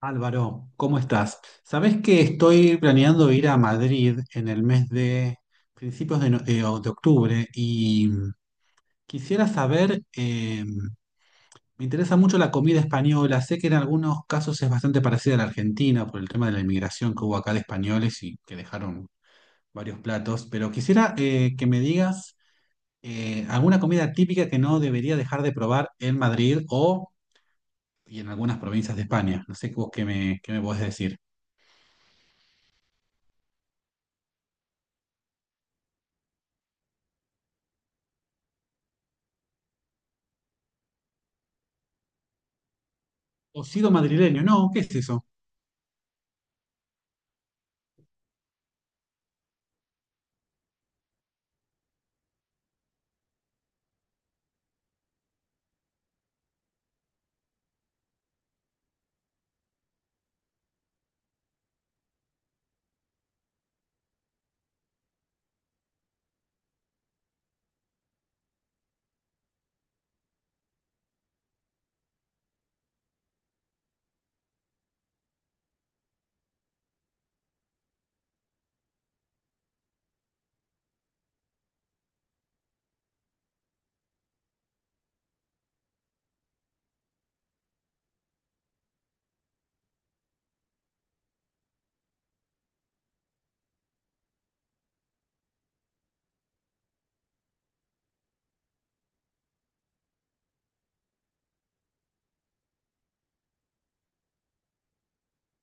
Álvaro, ¿cómo estás? Sabés que estoy planeando ir a Madrid en el mes de principios de, o de octubre y quisiera saber, me interesa mucho la comida española. Sé que en algunos casos es bastante parecida a la Argentina por el tema de la inmigración que hubo acá de españoles y que dejaron varios platos, pero quisiera que me digas alguna comida típica que no debería dejar de probar en Madrid o y en algunas provincias de España. No sé vos qué me podés decir. Cocido madrileño, no, ¿qué es eso?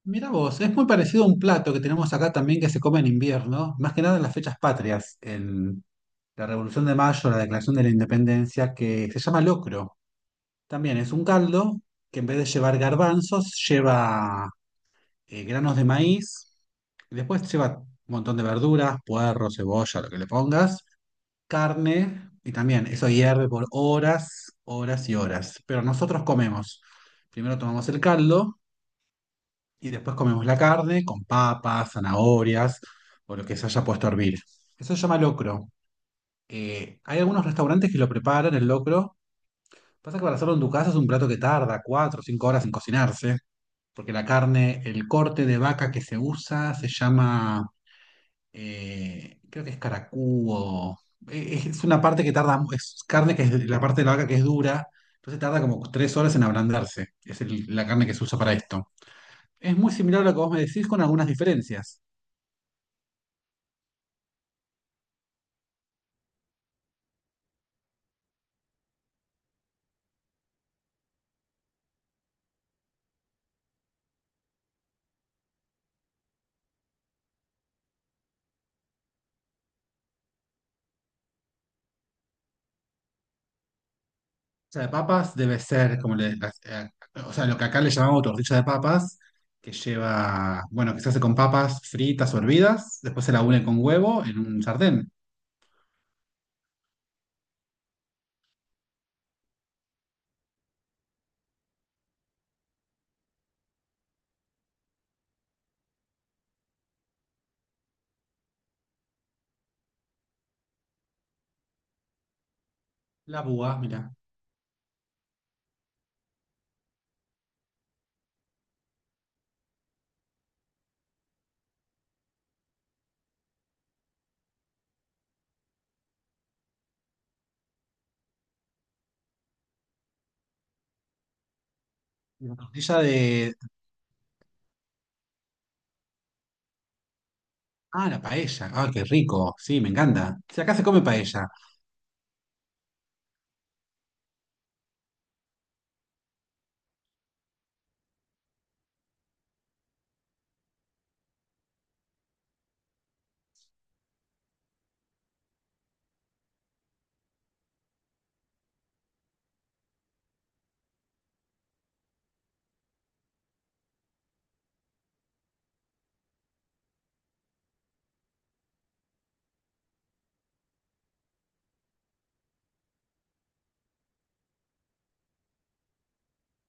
Mira vos, es muy parecido a un plato que tenemos acá también, que se come en invierno, más que nada en las fechas patrias, en la Revolución de Mayo, la Declaración de la Independencia, que se llama locro. También es un caldo, que en vez de llevar garbanzos, lleva granos de maíz, y después lleva un montón de verduras, puerro, cebolla, lo que le pongas, carne, y también eso hierve por horas, horas y horas. Pero nosotros comemos. Primero tomamos el caldo y después comemos la carne con papas, zanahorias o lo que se haya puesto a hervir. Eso se llama locro. Hay algunos restaurantes que lo preparan, el locro. Pasa que para hacerlo en tu casa es un plato que tarda cuatro o cinco horas en cocinarse, porque la carne, el corte de vaca que se usa se llama, creo que es caracú. Es una parte que tarda, es carne que es la parte de la vaca que es dura, entonces tarda como tres horas en ablandarse. La carne que se usa para esto. Es muy similar a lo que vos me decís, con algunas diferencias. O sea, de papas debe ser como le, eh, o sea, lo que acá le llamamos tortilla de papas, que lleva, bueno, que se hace con papas fritas o hervidas, después se la une con huevo en un sartén. La búa, mira. La tortilla de... Ah, la paella. Ah, qué rico. Sí, me encanta. Si acá se come paella.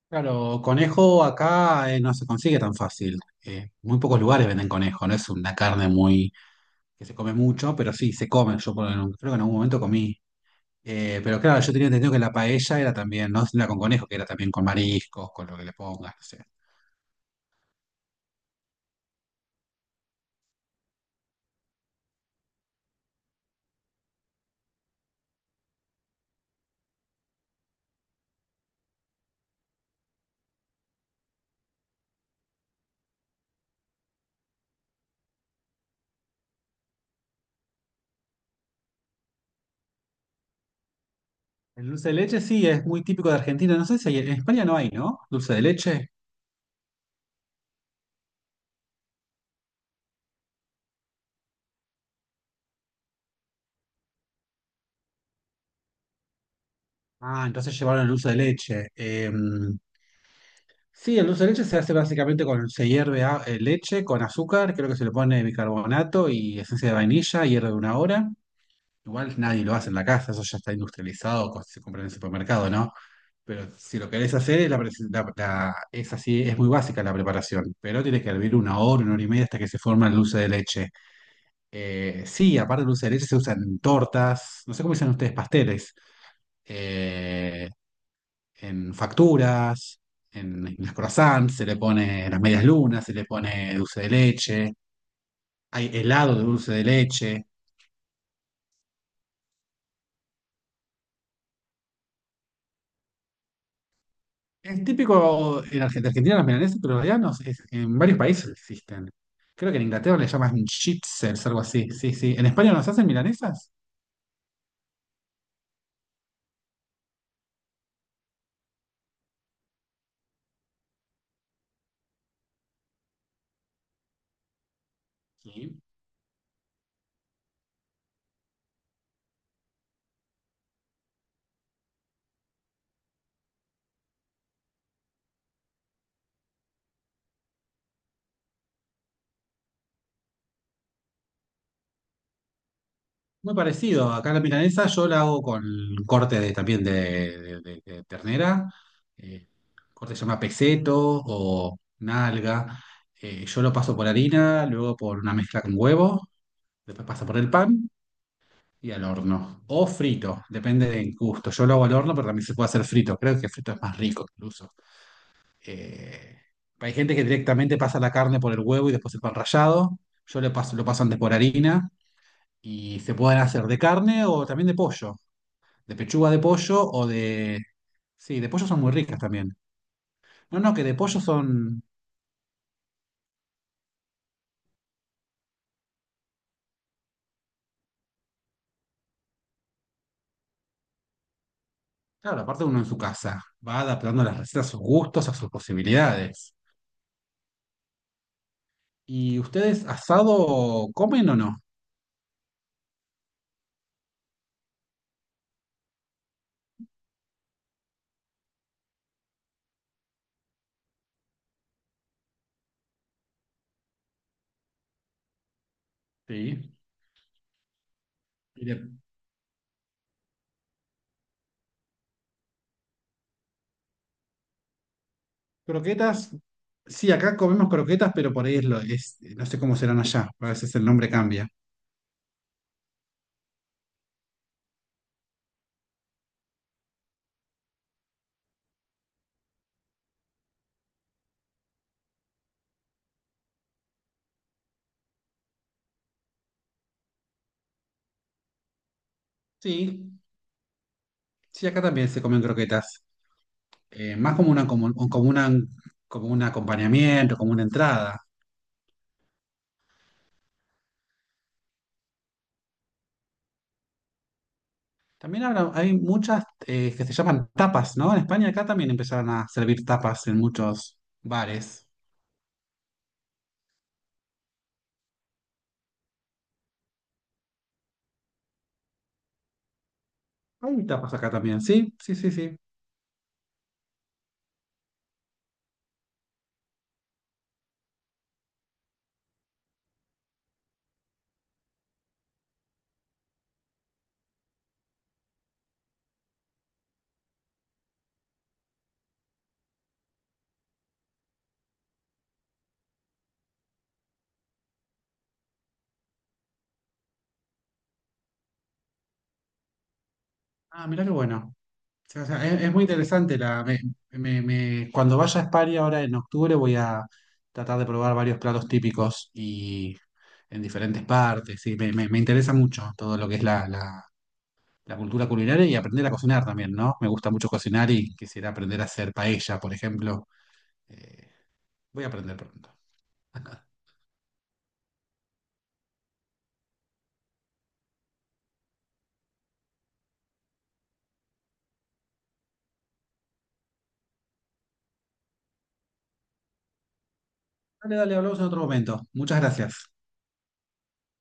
Claro, conejo acá no se consigue tan fácil. Muy pocos lugares venden conejo, no es una carne muy que se come mucho, pero sí, se come. Creo que en algún momento comí. Pero claro, yo tenía entendido que la paella era también, no la con conejo, que era también con mariscos, con lo que le pongas, no sé. El dulce de leche sí, es muy típico de Argentina. No sé si hay- en España no hay, ¿no? Dulce de leche. Ah, entonces llevaron el dulce de leche. Sí, el dulce de leche se hace básicamente con, se hierve leche con azúcar, creo que se le pone bicarbonato y esencia de vainilla, hierve una hora. Igual nadie lo hace en la casa, eso ya está industrializado, se compra en el supermercado, ¿no? Pero si lo querés hacer, la, presi- la- la- es así, es muy básica la preparación, pero tiene que hervir una hora y media hasta que se forma el dulce de leche. Sí, aparte del dulce de leche se usan en tortas, no sé cómo dicen ustedes, pasteles, eh, en facturas, en las croissants, se le pone, las medias lunas, se le pone dulce de leche, hay helado de dulce de leche. Es típico en Argentina, Argentina las milanesas, pero allá no, sé, es- en varios países existen. Creo que en Inglaterra le llaman chitzers, algo así. Sí, sí. ¿En España nos hacen milanesas? Sí. Muy parecido. Acá la milanesa yo la hago con corte de, también de, de ternera. eh, Corte se llama peseto o nalga. Yo lo paso por harina, luego por una mezcla con huevo, después pasa por el pan y al horno. O frito, depende del gusto. Yo lo hago al horno, pero también se puede hacer frito. Creo que frito es más rico incluso. Eh, Hay gente que directamente pasa la carne por el huevo y después el pan rallado. Lo paso antes por harina. Y se pueden hacer de carne o también de pollo. De pechuga de pollo o de... Sí, de pollo son muy ricas también. No, no, que de pollo son... Claro, aparte uno en su casa. Va adaptando las recetas a sus gustos, a sus posibilidades. ¿Y ustedes asado comen o no? Sí. Croquetas, sí, acá comemos croquetas, pero por ahí es lo, es, no sé cómo serán allá, a veces el nombre cambia. Sí, sí, acá también se comen croquetas, más como una, como un acompañamiento, como una entrada. También ahora hay muchas que se llaman tapas, ¿no? En España acá también empezaron a servir tapas en muchos bares. Hay tapas acá también, sí, sí, sí, sí. Ah, mirá qué bueno. O sea, es muy interesante. La, me- me- me- cuando vaya a España ahora en octubre voy a tratar de probar varios platos típicos y en diferentes partes. Sí, me interesa mucho todo lo que es la cultura culinaria y aprender a cocinar también, ¿no? Me gusta mucho cocinar y quisiera aprender a hacer paella, por ejemplo. Eh, Voy a aprender pronto. Dale, dale, hablamos en otro momento. Muchas gracias.